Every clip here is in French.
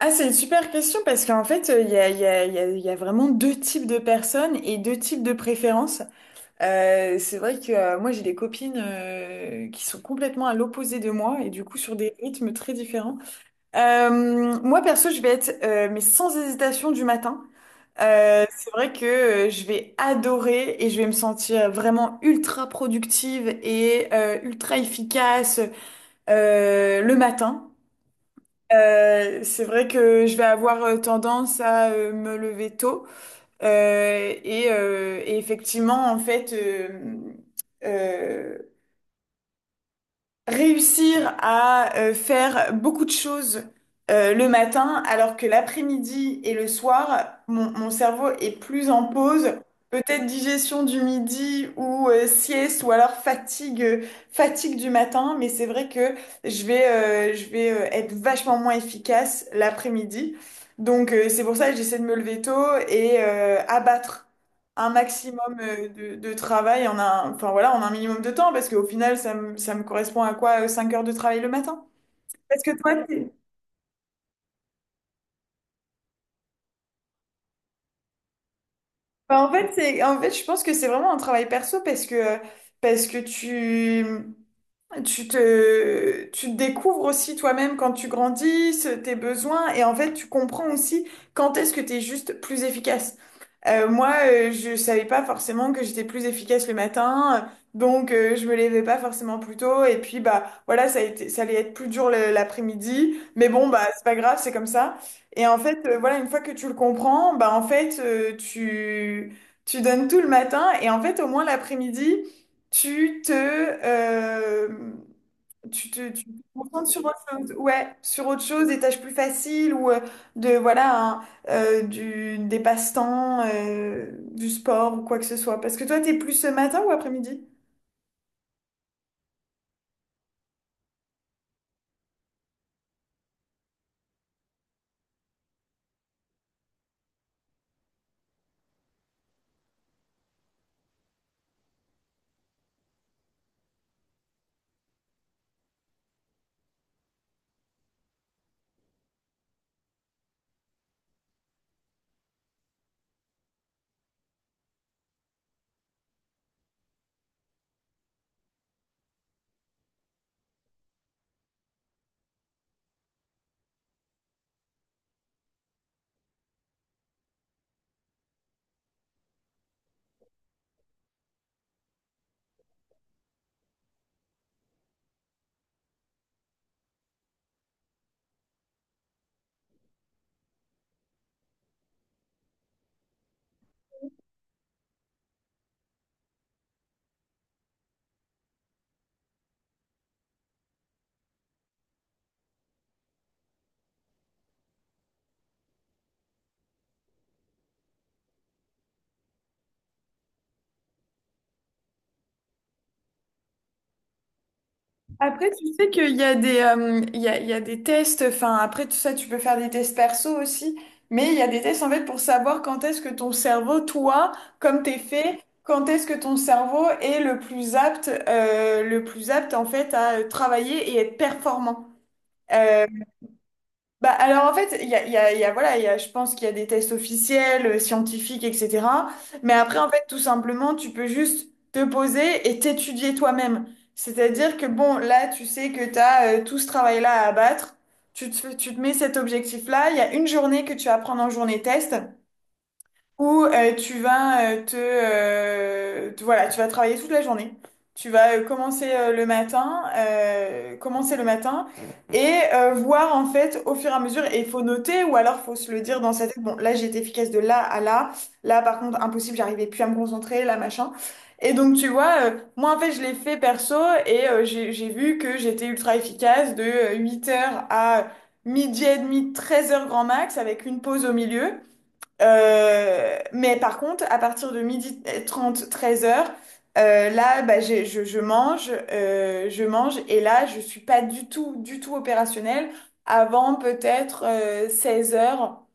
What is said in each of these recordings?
Ah, c'est une super question parce qu'en fait, il y a, il y a, il y a, il y a vraiment deux types de personnes et deux types de préférences. C'est vrai que moi, j'ai des copines qui sont complètement à l'opposé de moi et du coup sur des rythmes très différents. Moi, perso, je vais être, mais sans hésitation, du matin. C'est vrai que je vais adorer et je vais me sentir vraiment ultra productive et ultra efficace le matin. C'est vrai que je vais avoir tendance à me lever tôt. Et effectivement en fait euh, réussir à faire beaucoup de choses le matin, alors que l'après-midi et le soir, mon cerveau est plus en pause. Peut-être digestion du midi ou sieste ou alors fatigue du matin, mais c'est vrai que je vais être vachement moins efficace l'après-midi. Donc c'est pour ça que j'essaie de me lever tôt et abattre un maximum de travail enfin voilà, en un minimum de temps, parce qu'au final, ça me correspond à quoi? 5 heures de travail le matin? Parce que toi, enfin, en fait, en fait, je pense que c'est vraiment un travail perso parce que tu te découvres aussi toi-même quand tu grandis, tes besoins, et en fait, tu comprends aussi quand est-ce que tu es juste plus efficace. Moi, je savais pas forcément que j'étais plus efficace le matin, donc je me levais pas forcément plus tôt, et puis bah voilà, ça allait être plus dur l'après-midi, mais bon, bah c'est pas grave, c'est comme ça. Et en fait, voilà, une fois que tu le comprends, bah en fait, tu donnes tout le matin, et en fait, au moins l'après-midi tu te, euh, tu te concentres sur autre chose. Ouais, sur autre chose, des tâches plus faciles ou voilà, hein, des passe-temps, du sport ou quoi que ce soit. Parce que toi, t'es plus ce matin ou après-midi? Après, tu sais qu'il y a des tests, enfin après tout ça, tu peux faire des tests perso aussi, mais il y a des tests en fait pour savoir quand est-ce que ton cerveau, toi, comme t'es fait, quand est-ce que ton cerveau est le plus apte en fait à travailler et être performant. Euh, Bah, alors en fait, il y a, il y a- il y a- voilà, je pense qu'il y a des tests officiels, scientifiques, etc. Mais après, en fait, tout simplement, tu peux juste te poser et t'étudier toi-même. C'est-à-dire que bon, là, tu sais que tu as tout ce travail-là à abattre. Tu te mets cet objectif-là. Il y a une journée que tu vas prendre en journée test où tu vas voilà, tu vas travailler toute la journée. Tu vas commencer le matin et voir en fait au fur et à mesure. Et il faut noter ou alors faut se le dire dans sa tête. Bon, là j'ai été efficace de là à là. Là par contre impossible, j'arrivais plus à me concentrer, là machin. Et donc tu vois, moi en fait je l'ai fait perso et j'ai vu que j'étais ultra efficace de 8 heures à midi et demi, 13 heures grand max avec une pause au milieu. Mais par contre, à partir de midi 30 13 heures, là, bah, je mange, et là, je suis pas du tout, du tout opérationnelle avant peut-être 16 heures,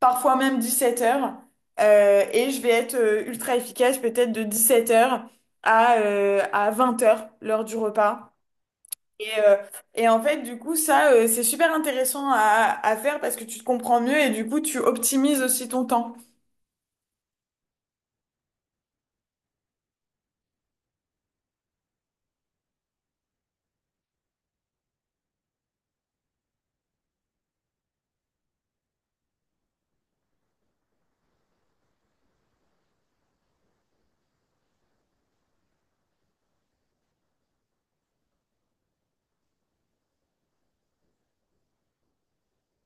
parfois même 17 heures, et je vais être ultra efficace peut-être de 17 heures à 20 heures, l'heure du repas. Et, euh, et en fait, du coup, ça, c'est super intéressant à faire parce que tu te comprends mieux et du coup, tu optimises aussi ton temps.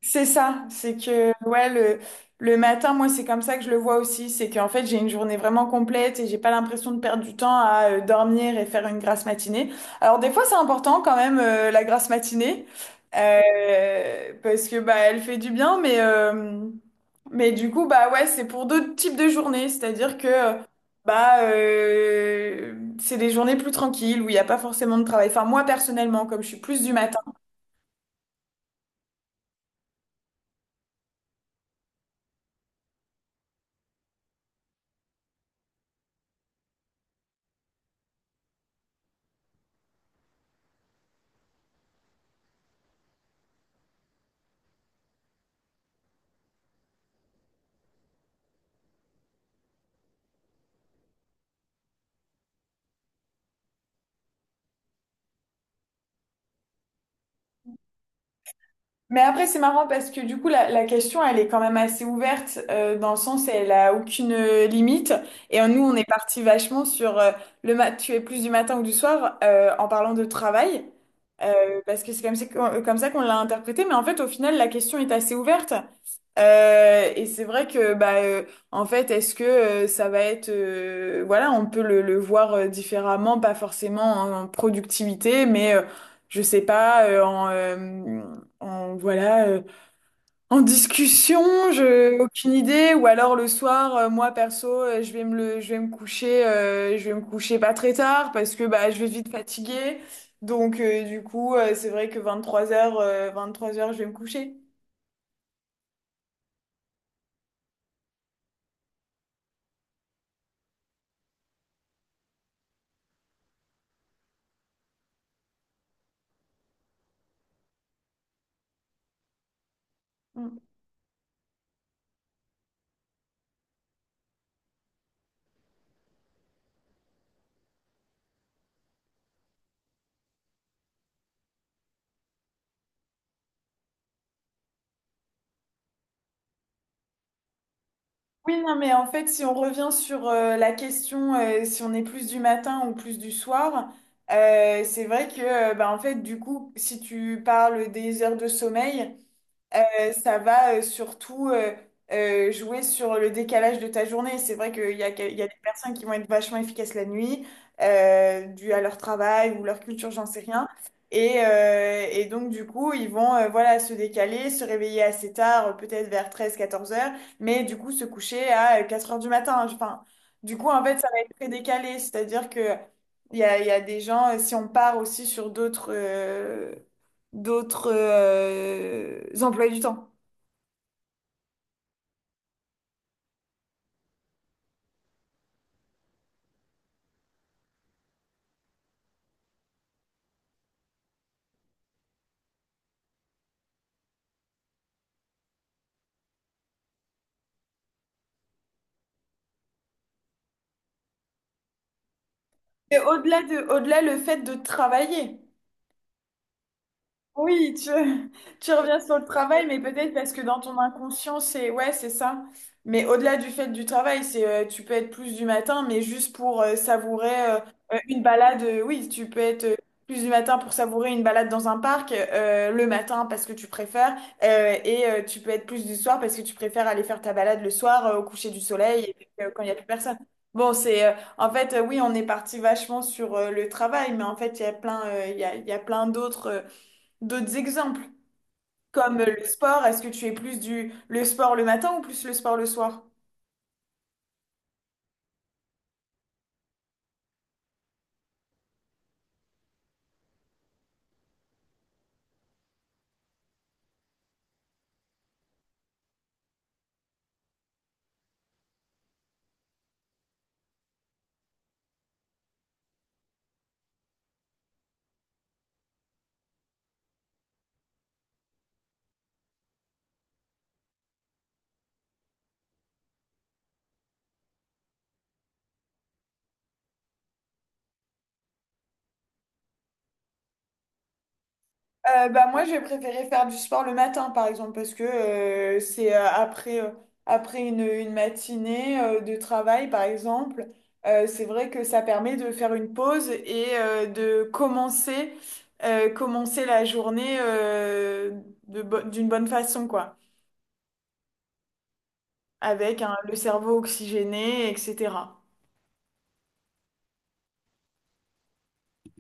C'est ça, c'est que ouais le matin moi c'est comme ça que je le vois aussi, c'est qu'en fait j'ai une journée vraiment complète et j'ai pas l'impression de perdre du temps à dormir et faire une grasse matinée. Alors des fois c'est important quand même la grasse matinée parce que bah elle fait du bien mais du coup bah ouais c'est pour d'autres types de journées, c'est-à-dire que bah euh, c'est des journées plus tranquilles où il n'y a pas forcément de travail. Enfin moi personnellement comme je suis plus du matin. Mais après, c'est marrant parce que du coup, la question, elle est quand même assez ouverte dans le sens, elle a aucune limite. Et nous, on est parti vachement sur tu es plus du matin ou du soir en parlant de travail. Euh, Parce que c'est comme ça qu'on l'a interprété. Mais en fait, au final, la question est assez ouverte. Et c'est vrai que, bah, en fait, est-ce que ça va être, voilà, on peut le voir différemment, pas forcément en productivité, mais je sais pas, voilà, en discussion, aucune idée. Ou alors le soir, moi perso, je vais me coucher pas très tard parce que bah, je vais vite fatiguer. Donc du coup, c'est vrai que 23 heures je vais me coucher. Mm. Oui, non, mais en fait, si on revient sur la question, si on est plus du matin ou plus du soir, c'est vrai que, bah, en fait, du coup, si tu parles des heures de sommeil. Ça va surtout jouer sur le décalage de ta journée. C'est vrai qu'il y a, que- il y a des personnes qui vont être vachement efficaces la nuit, dû à leur travail ou leur culture, j'en sais rien. Et donc, du coup, ils vont voilà, se décaler, se réveiller assez tard, peut-être vers treize quatorze heures, mais du coup, se coucher à 4 heures du matin. Hein. Enfin, du coup, en fait, ça va être très décalé. C'est-à-dire que il y a des gens, si on part aussi sur d'autres emplois du temps. Et au-delà le fait de travailler. Oui, tu, tu reviens sur le travail, mais peut-être parce que dans ton inconscient, c'est ouais, c'est ça. Mais au-delà du fait du travail, c'est tu peux être plus du matin, mais juste pour savourer une balade. Oui, tu peux être plus du matin pour savourer une balade dans un parc le matin parce que tu préfères, et tu peux être plus du soir parce que tu préfères aller faire ta balade le soir au coucher du soleil et puis, quand il n'y a plus personne. Bon, c'est en fait oui, on est parti vachement sur le travail, mais en fait il y a plein d'autres. D'autres exemples, comme le sport, est-ce que tu es plus du le sport le matin ou plus le sport le soir? Bah moi j'ai préféré faire du sport le matin par exemple parce que c'est après une matinée de travail par exemple c'est vrai que ça permet de faire une pause et de commencer la journée d'une bonne façon quoi avec hein, le cerveau oxygéné etc.